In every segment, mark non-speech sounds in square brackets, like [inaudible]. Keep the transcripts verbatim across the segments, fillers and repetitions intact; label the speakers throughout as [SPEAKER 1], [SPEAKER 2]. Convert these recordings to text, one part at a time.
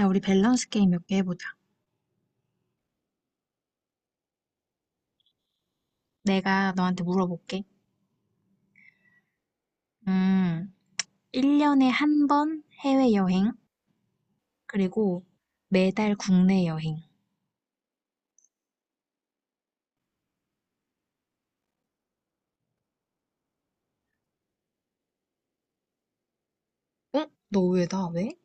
[SPEAKER 1] 야, 우리 밸런스 게임 몇 개 해보자. 내가 너한테 물어볼게. 음, 일 년에 한 번 해외여행, 그리고 매달 국내 여행. 어? 너 왜 나 왜?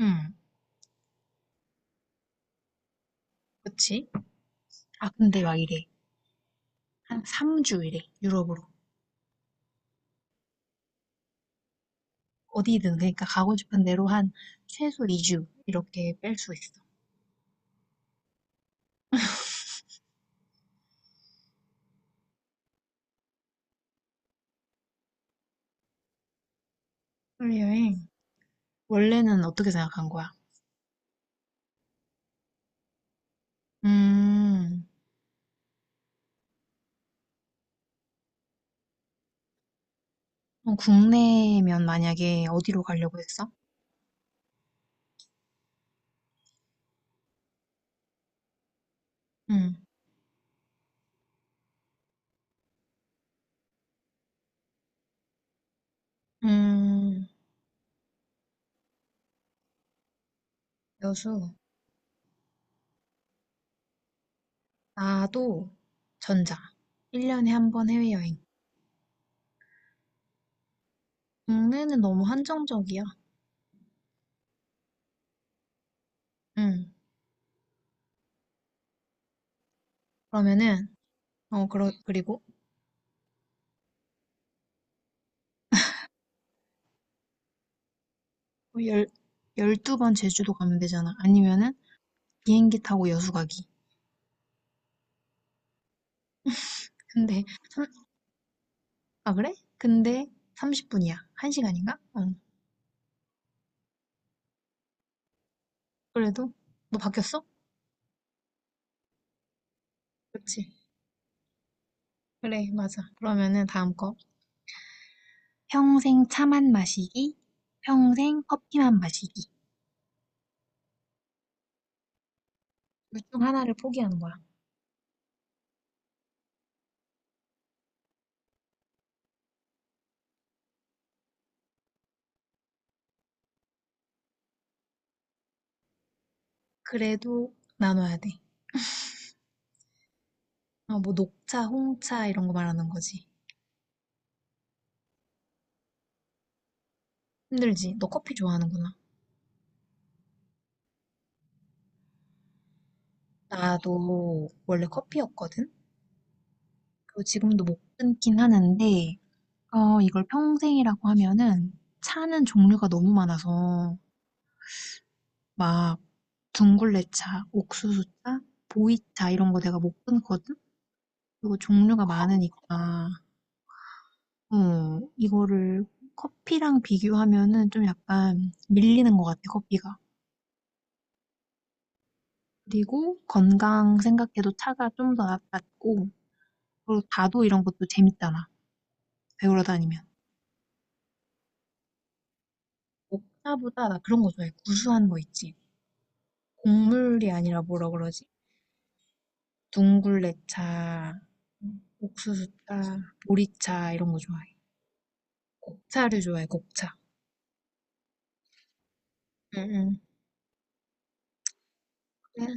[SPEAKER 1] 응. 그치? 아, 근데 막 이래. 한 삼 주 이래, 유럽으로. 어디든, 그러니까 가고 싶은 대로 한 최소 이 주 이렇게 뺄 수 있어. 해외 여행. 원래는 어떻게 생각한 거야? 음, 어, 국내면 만약에 어디로 가려고 했어? 음, 음, 여수. 나도 전자. 일 년에 한 번 해외여행. 국내는 너무 한정적이야. 응. 그러면은, 어, 그러, 그리고 열 열, 열두 번 제주도 가면 되잖아. 아니면은 비행기 타고 여수 가기. 근데, 삼, 아, 그래? 근데 삼십 분이야. 한 시간인가? 응. 그래도, 너 바뀌었어? 그렇지 그래, 맞아. 그러면은 다음 거. 평생 차만 마시기, 평생 커피만 마시기. 둘 중 하나를 포기하는 거야. 그래도 나눠야 돼. 아, 뭐 녹차, 홍차 이런 거 말하는 거지. 힘들지? 너 커피 좋아하는구나. 나도 원래 커피였거든? 그리고 지금도 못 끊긴 하는데, 어, 이걸 평생이라고 하면은 차는 종류가 너무 많아서 막 둥글레차, 옥수수차, 보이차 이런 거 내가 못 끊거든? 그리고 종류가 많으니까, 어, 이거를 커피랑 비교하면은 좀 약간 밀리는 것 같아, 커피가. 그리고 건강 생각해도 차가 좀 더 낫고 그리고 다도 이런 것도 재밌잖아. 배우러 다니면. 옥차보다 나 그런 거 좋아해. 구수한 거 있지. 곡물이 아니라 뭐라 그러지? 둥굴레차, 옥수수차, 보리차 이런 거 좋아해. 곡차를 좋아해, 곡차. 응응. 그래?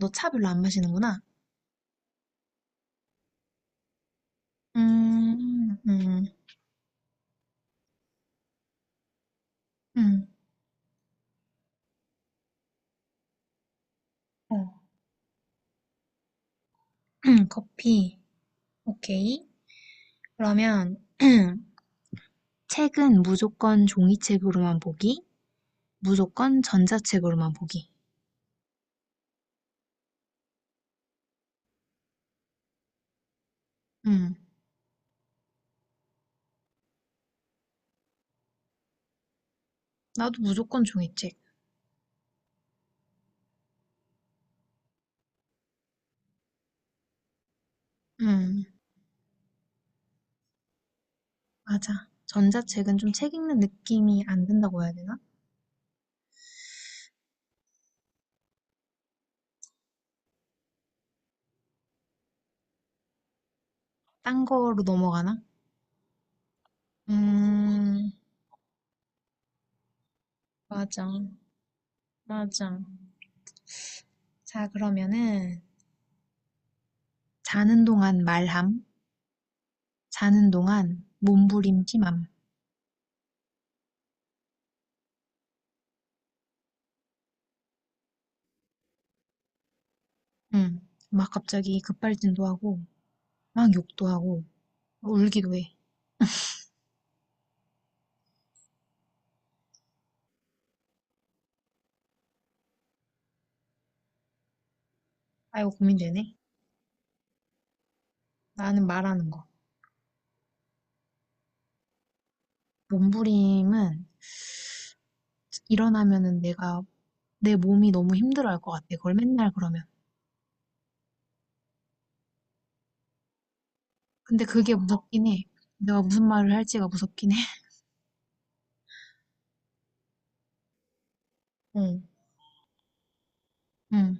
[SPEAKER 1] 너 차 별로 안 마시는구나. 음, 음, 음. 어. [clears throat] 커피. 오케이. 그러면 [clears throat] 책은 무조건 종이책으로만 보기. 무조건 전자책으로만 보기. 음, 나도 무조건 종이책. 음, 맞아. 전자책은 좀 책 읽는 느낌이 안 든다고 해야 되나? 딴 거로 넘어가나? 음, 맞아. 맞아. 자, 그러면은 자는 동안 말함, 자는 동안 몸부림 심함. 음, 막 갑자기 급발진도 하고, 막 욕도 하고, 울기도 해. 아이고, 고민되네. 나는 말하는 거. 몸부림은 일어나면은 내가 내 몸이 너무 힘들어할 것 같아. 그걸 맨날 그러면. 근데 그게 무섭긴 해. 내가 무슨 말을 할지가 무섭긴 해. [laughs] 응. 응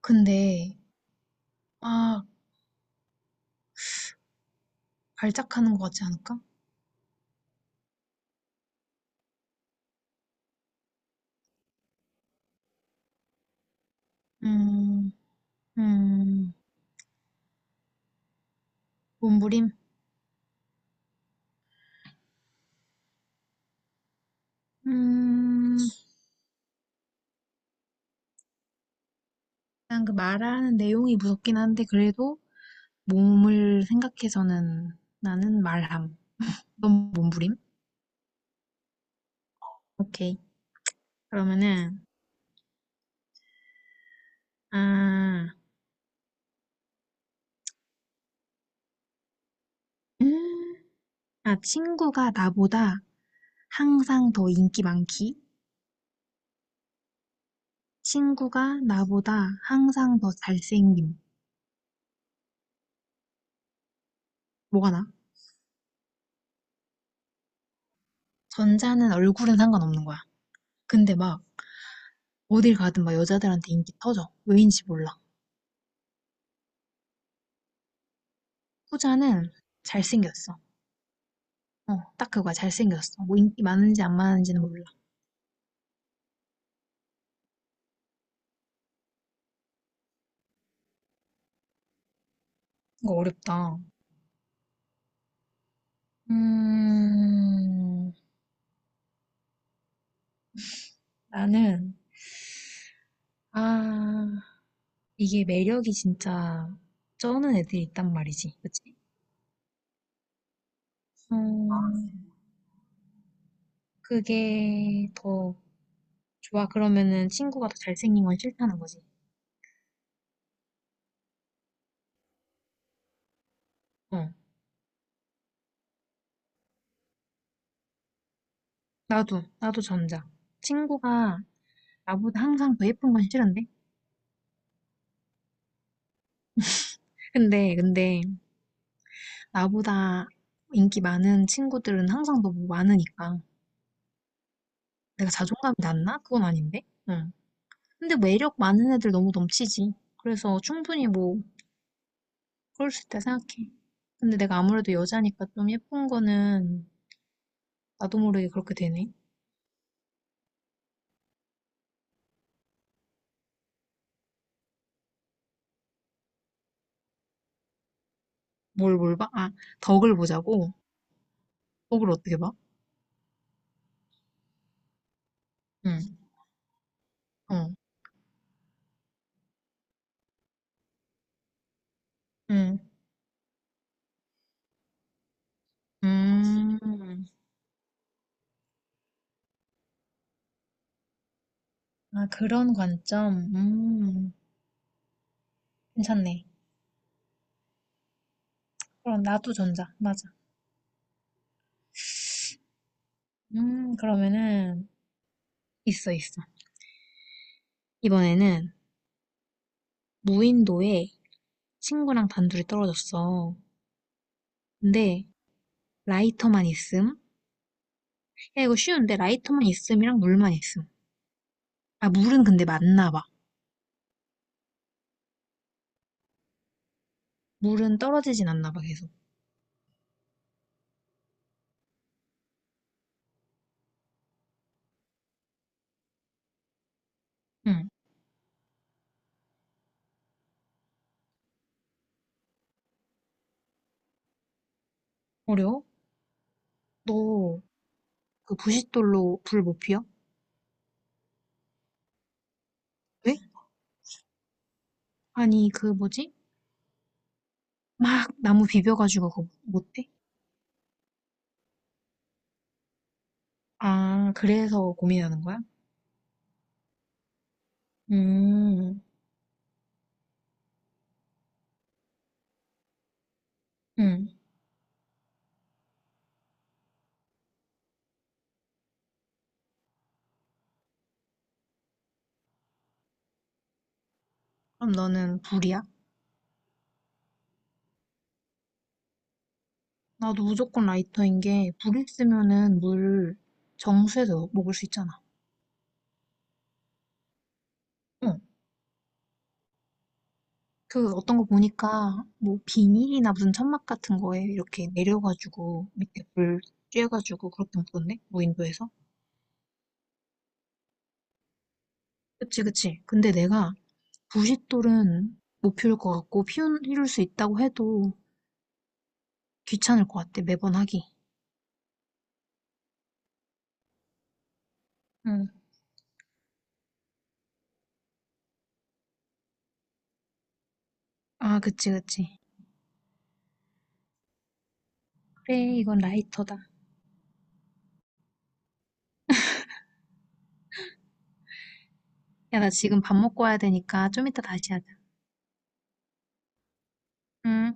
[SPEAKER 1] 근데 막 발작하는 것 같지 않을까? 음. 음. 몸부림. 음. 일단 그 말하는 내용이 무섭긴 한데 그래도 몸을 생각해서는 나는 말함. 넌 몸부림? 오케이. 그러면은 아. 음. 아 친구가 나보다 항상 더 인기 많기. 친구가 나보다 항상 더 잘생김. 뭐가 나? 전자는 얼굴은 상관없는 거야. 근데 막 어딜 가든 막 여자들한테 인기 터져. 왜인지 몰라. 후자는 잘생겼어. 어, 딱 그거야. 잘생겼어. 뭐 인기 많은지 안 많은지는 몰라. 이거 어렵다. 음, 나는, 아, 이게 매력이 진짜 쩌는 애들이 있단 말이지. 그치? 음, 그게 더 좋아. 그러면은 친구가 더 잘생긴 건 싫다는 거지. 어, 나도, 나도 전자. 친구가 나보다 항상 더 예쁜 건 싫은데? 근데, 근데, 나보다 인기 많은 친구들은 항상 너무 많으니까. 내가 자존감이 낮나? 그건 아닌데? 응. 근데 매력 많은 애들 너무 넘치지. 그래서 충분히 뭐, 그럴 수 있다 생각해. 근데 내가 아무래도 여자니까 좀 예쁜 거는 나도 모르게 그렇게 되네. 뭘, 뭘 봐? 아, 덕을 보자고? 덕을 어떻게 봐? 응, 어, 응, 음. 아, 그런 관점? 음, 괜찮네. 그럼 나도 전자. 맞아. 음, 그러면은, 있어, 있어. 이번에는 무인도에 친구랑 단둘이 떨어졌어. 근데 라이터만 있음? 야, 이거 쉬운데 라이터만 있음이랑 물만 있음. 아, 물은 근데 맞나 봐. 물은 떨어지진 않나 봐, 계속. 응. 어려워? 너 그 부싯돌로 불 못 피워? 왜? 아니, 그 뭐지? 막 나무 비벼가지고 그거 못해? 아, 그래서 고민하는 거야? 음, 응. 그럼 너는 불이야? 나도 무조건 라이터인 게, 불 있으면은 물 정수해서 먹을 수 있잖아. 응. 그 어떤 거 보니까, 뭐 비닐이나 무슨 천막 같은 거에 이렇게 내려가지고, 밑에 불 쬐가지고 그렇게 먹던데? 무인도에서? 그치, 그치. 근데 내가 부싯돌은 못 피울 것 같고, 피운, 피울 수 있다고 해도 귀찮을 것 같아, 매번 하기. 응. 아, 그치, 그치. 그래, 이건 라이터다. 야, 나 지금 밥 먹고 와야 되니까 좀 이따 다시 하자. 응.